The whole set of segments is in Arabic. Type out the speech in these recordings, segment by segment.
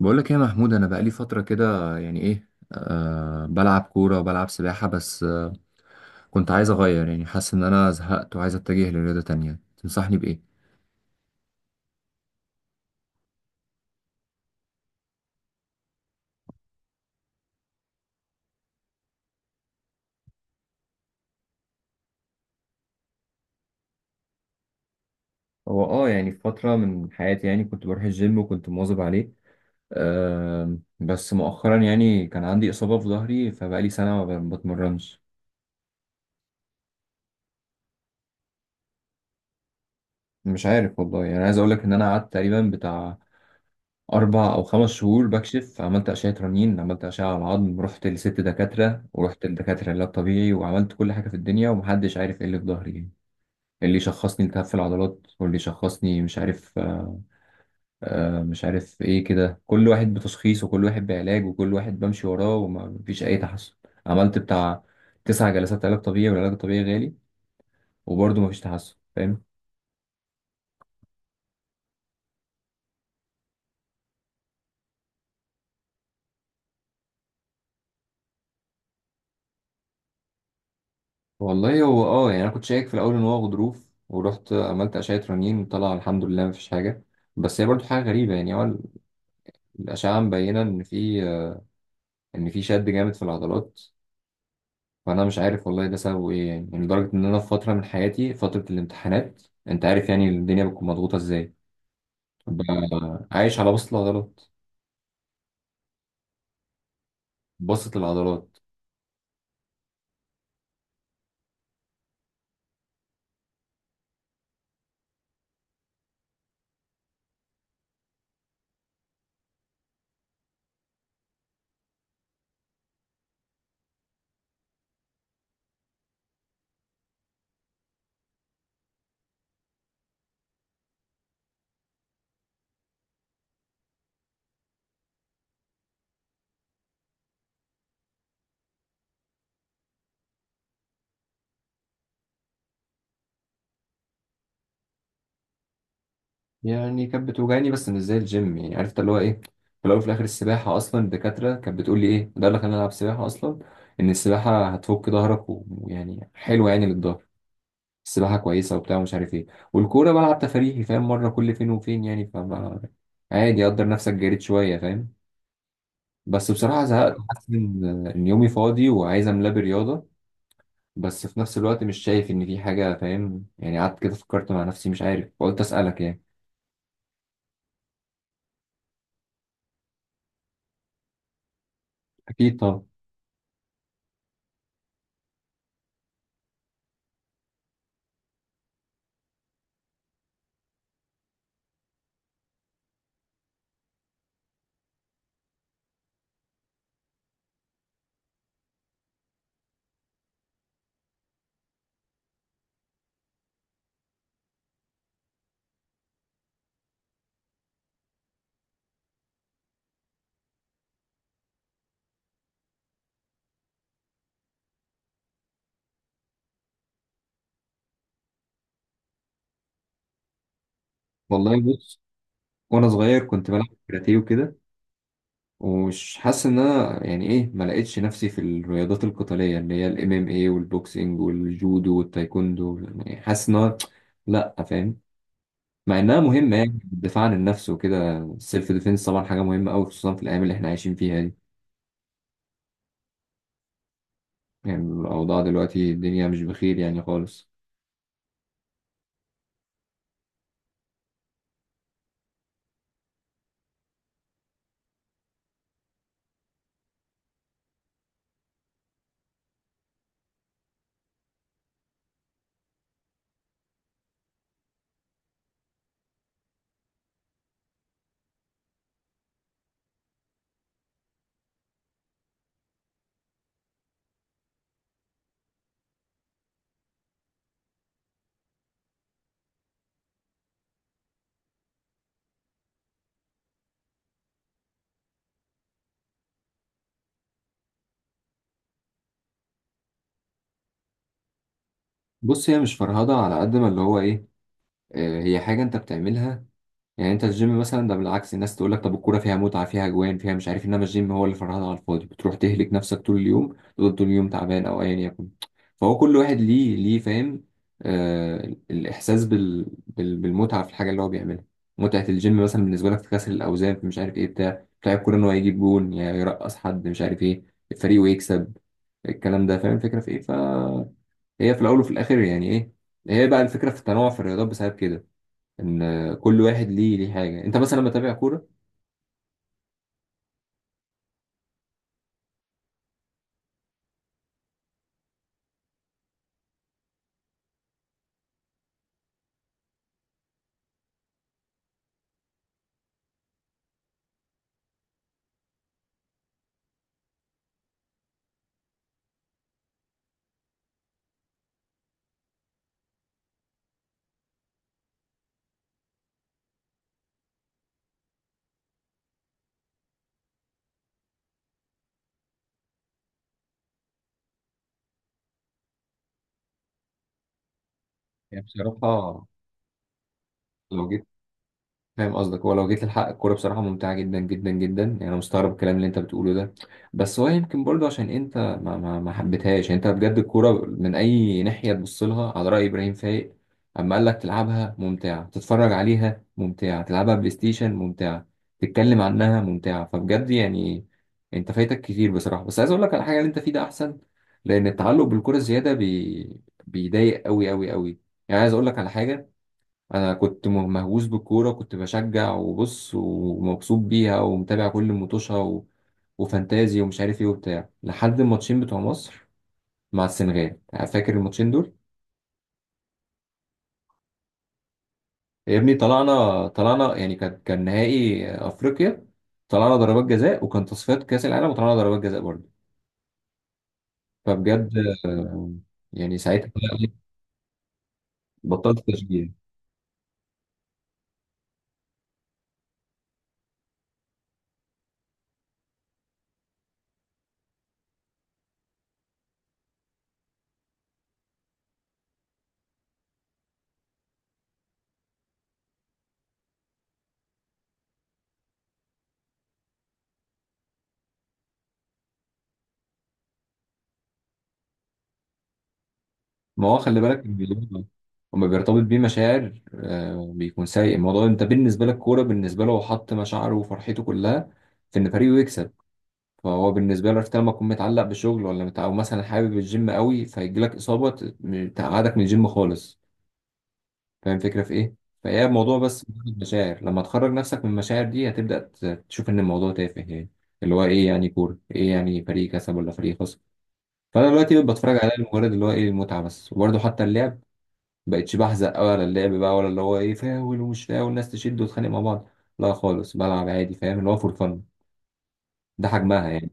بقول لك يا محمود، انا بقالي فتره كده، يعني ايه أه بلعب كوره وبلعب سباحه. بس آه، كنت عايز اغير، يعني حاسس ان انا زهقت وعايز اتجه لرياضه تانية. تنصحني بايه؟ هو اه يعني في فتره من حياتي يعني كنت بروح الجيم وكنت مواظب عليه. بس مؤخرا يعني كان عندي اصابه في ظهري، فبقالي سنه ما ب- بتمرنش. مش عارف والله. يعني عايز اقول لك ان انا قعدت تقريبا بتاع أربع أو خمس شهور بكشف. عملت أشعة رنين، عملت أشعة على العظم، رحت لست دكاترة ورحت لدكاترة علاج طبيعي، وعملت كل حاجة في الدنيا، ومحدش عارف إيه اللي في ظهري يعني. اللي شخصني التهاب في العضلات، واللي شخصني مش عارف. مش عارف إيه، كده كل واحد بتشخيص وكل واحد بعلاج وكل واحد بمشي وراه، ومفيش أي تحسن. عملت بتاع تسع جلسات علاج طبيعي، والعلاج الطبيعي غالي، وبرضه مفيش تحسن، فاهم. والله هو اه يعني انا كنت شايك في الاول ان هو غضروف، ورحت عملت اشعه رنين، طلع الحمد لله مفيش حاجه. بس هي برضو حاجه غريبه، يعني هو الاشعه مبينه ان في، ان في شد جامد في العضلات. فانا مش عارف والله ده سببه ايه يعني. يعني لدرجه ان انا في فتره من حياتي، فتره الامتحانات، انت عارف يعني الدنيا بتكون مضغوطه ازاي، ببقى عايش على بسط العضلات. بسط العضلات. يعني كانت بتوجعني بس مش زي الجيم، يعني عرفت اللي هو ايه. في الاول وفي الاخر السباحه اصلا الدكاتره كانت بتقول لي ايه ده اللي خلاني العب سباحه اصلا. ان السباحه هتفك ظهرك ويعني حلوه يعني للظهر. السباحه كويسه وبتاع ومش عارف ايه. والكوره بلعب تفريحي فاهم، مره كل فين وفين يعني. فما عادي، قدر نفسك، جريت شويه، فاهم. بس بصراحه زهقت. حاسس ان إن يومي فاضي، وعايز املاه برياضه. بس في نفس الوقت مش شايف ان في حاجه، فاهم يعني. قعدت كده فكرت مع نفسي، مش عارف، فقلت اسالك يعني. اكيد طبعا. والله بص، وانا صغير كنت بلعب كاراتيه وكده. ومش حاسس ان انا يعني ايه، ما لقيتش نفسي في الرياضات القتاليه، اللي هي الام ام اي والبوكسنج والجودو والتايكوندو، يعني حاسس ان أنا لا، فاهم. مع انها مهمه، يعني الدفاع عن النفس وكده، السيلف ديفense طبعا حاجه مهمه قوي، خصوصا في الايام اللي احنا عايشين فيها دي. يعني الاوضاع دلوقتي الدنيا مش بخير يعني خالص. بص هي مش فرهضه، على قد ما اللي هو ايه، هي حاجه انت بتعملها. يعني انت الجيم مثلا ده بالعكس، الناس تقول لك طب الكوره فيها متعه، فيها اجوان، فيها مش عارف. انما الجيم هو اللي فرهدة على الفاضي، بتروح تهلك نفسك طول اليوم، تفضل طول اليوم تعبان او ايا يكن. فهو كل واحد ليه فاهم، آه الاحساس بالمتعه في الحاجه اللي هو بيعملها. متعه الجيم مثلا بالنسبه لك في كسر الاوزان، في مش عارف ايه بتاع. الكوره ان هو يجيب جون، يعني يرقص حد مش عارف ايه، الفريق ويكسب. الكلام ده فاهم الفكره في ايه. فهي في الاول وفي الاخر يعني ايه، هي بقى الفكره في التنوع في الرياضات بسبب كده، ان كل واحد ليه حاجه. انت مثلا لما تتابع كوره، يعني بصراحه لو جيت، فاهم قصدك. هو لو جيت للحق الكورة بصراحة ممتعة جدا جدا جدا. يعني أنا مستغرب الكلام اللي أنت بتقوله ده. بس هو يمكن برضه عشان أنت ما حبيتهاش يعني. أنت بجد الكورة من أي ناحية تبص لها، على رأي إبراهيم فايق، أما قال لك تلعبها ممتعة، تتفرج عليها ممتعة، تلعبها بلاي ستيشن ممتعة، تتكلم عنها ممتعة. فبجد يعني أنت فايتك كتير بصراحة. بس عايز أقول لك على حاجة، اللي أنت فيه ده أحسن، لأن التعلق بالكورة الزيادة بيضايق أوي أوي أوي. يعني عايز أقول لك على حاجة، انا كنت مهووس بالكوره، كنت بشجع وبص ومبسوط بيها، ومتابع كل مطوشها وفانتازي ومش عارف ايه وبتاع، لحد الماتشين بتوع مصر مع السنغال. فاكر الماتشين دول؟ يا ابني طلعنا، طلعنا يعني، كان نهائي افريقيا طلعنا ضربات جزاء، وكان تصفيات كاس العالم وطلعنا ضربات جزاء برضه. فبجد آه، يعني ساعتها بطلت تشجيع. ما هو خلي بالك الموضوع وما بيرتبط بيه مشاعر آه بيكون سيء. الموضوع انت بالنسبه لك كوره، بالنسبه له هو حط مشاعره وفرحته كلها في ان فريقه يكسب. فهو بالنسبه له، عرفت لما تكون متعلق بشغل ولا او مثلا حابب الجيم قوي فيجي لك اصابه تقعدك من الجيم خالص. فاهم الفكره في ايه؟ فهي الموضوع بس مجرد مشاعر، لما تخرج نفسك من المشاعر دي هتبدا تشوف ان الموضوع تافه يعني. اللي هو ايه يعني كوره؟ ايه يعني فريق كسب ولا فريق خسر؟ فانا دلوقتي بتفرج عليها لمجرد اللي هو ايه المتعه بس. وبرده حتى اللعب بقتش بحزق أوي على اللعب، بقى ولا اللي هو ايه، فاول ومش فاول الناس تشد وتتخانق مع بعض، لا خالص بلعب عادي فاهم، اللي هو فور فن. ده حجمها يعني.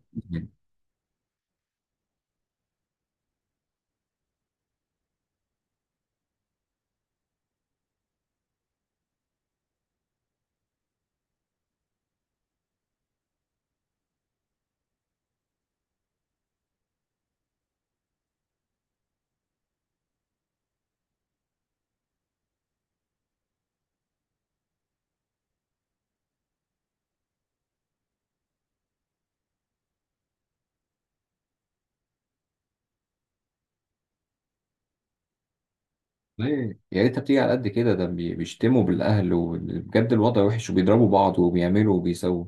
ليه، يا ريتها بتيجي على قد كده، ده بيشتموا بالأهل وبجد الوضع وحش، وبيضربوا بعض وبيعملوا وبيسووا.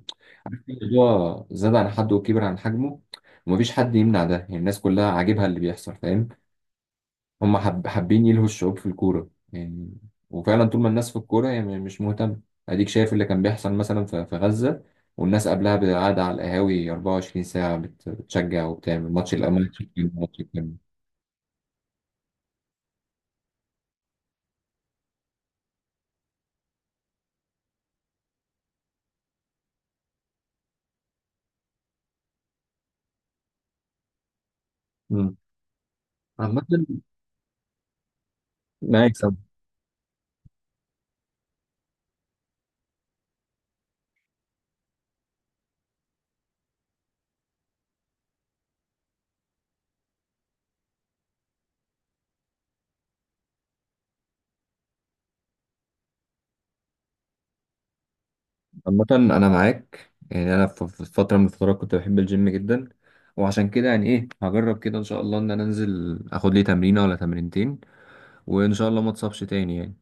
الموضوع زاد عن حده وكبر عن حجمه. ومفيش حد يمنع ده يعني، الناس كلها عاجبها اللي بيحصل فاهم. هم حب حابين يلهوا الشعوب في الكورة يعني. وفعلا طول ما الناس في الكورة هي مش مهتمة. أديك شايف اللي كان بيحصل مثلا في غزة، والناس قبلها قاعدة على القهاوي 24 ساعة بتشجع وبتعمل ماتش الأمل بالظبط، ماتش الكلمة، ماتش الكلمة. مم. عامة أنا يكسب عامة أنا معاك يعني. أنا في فترة من الفترات كنت بحب الجيم جدا، وعشان كده يعني إيه هجرب كده، إن شاء الله إن أنا أنزل آخد لي تمرينة ولا تمرينتين، وإن شاء الله ما اتصابش تاني يعني.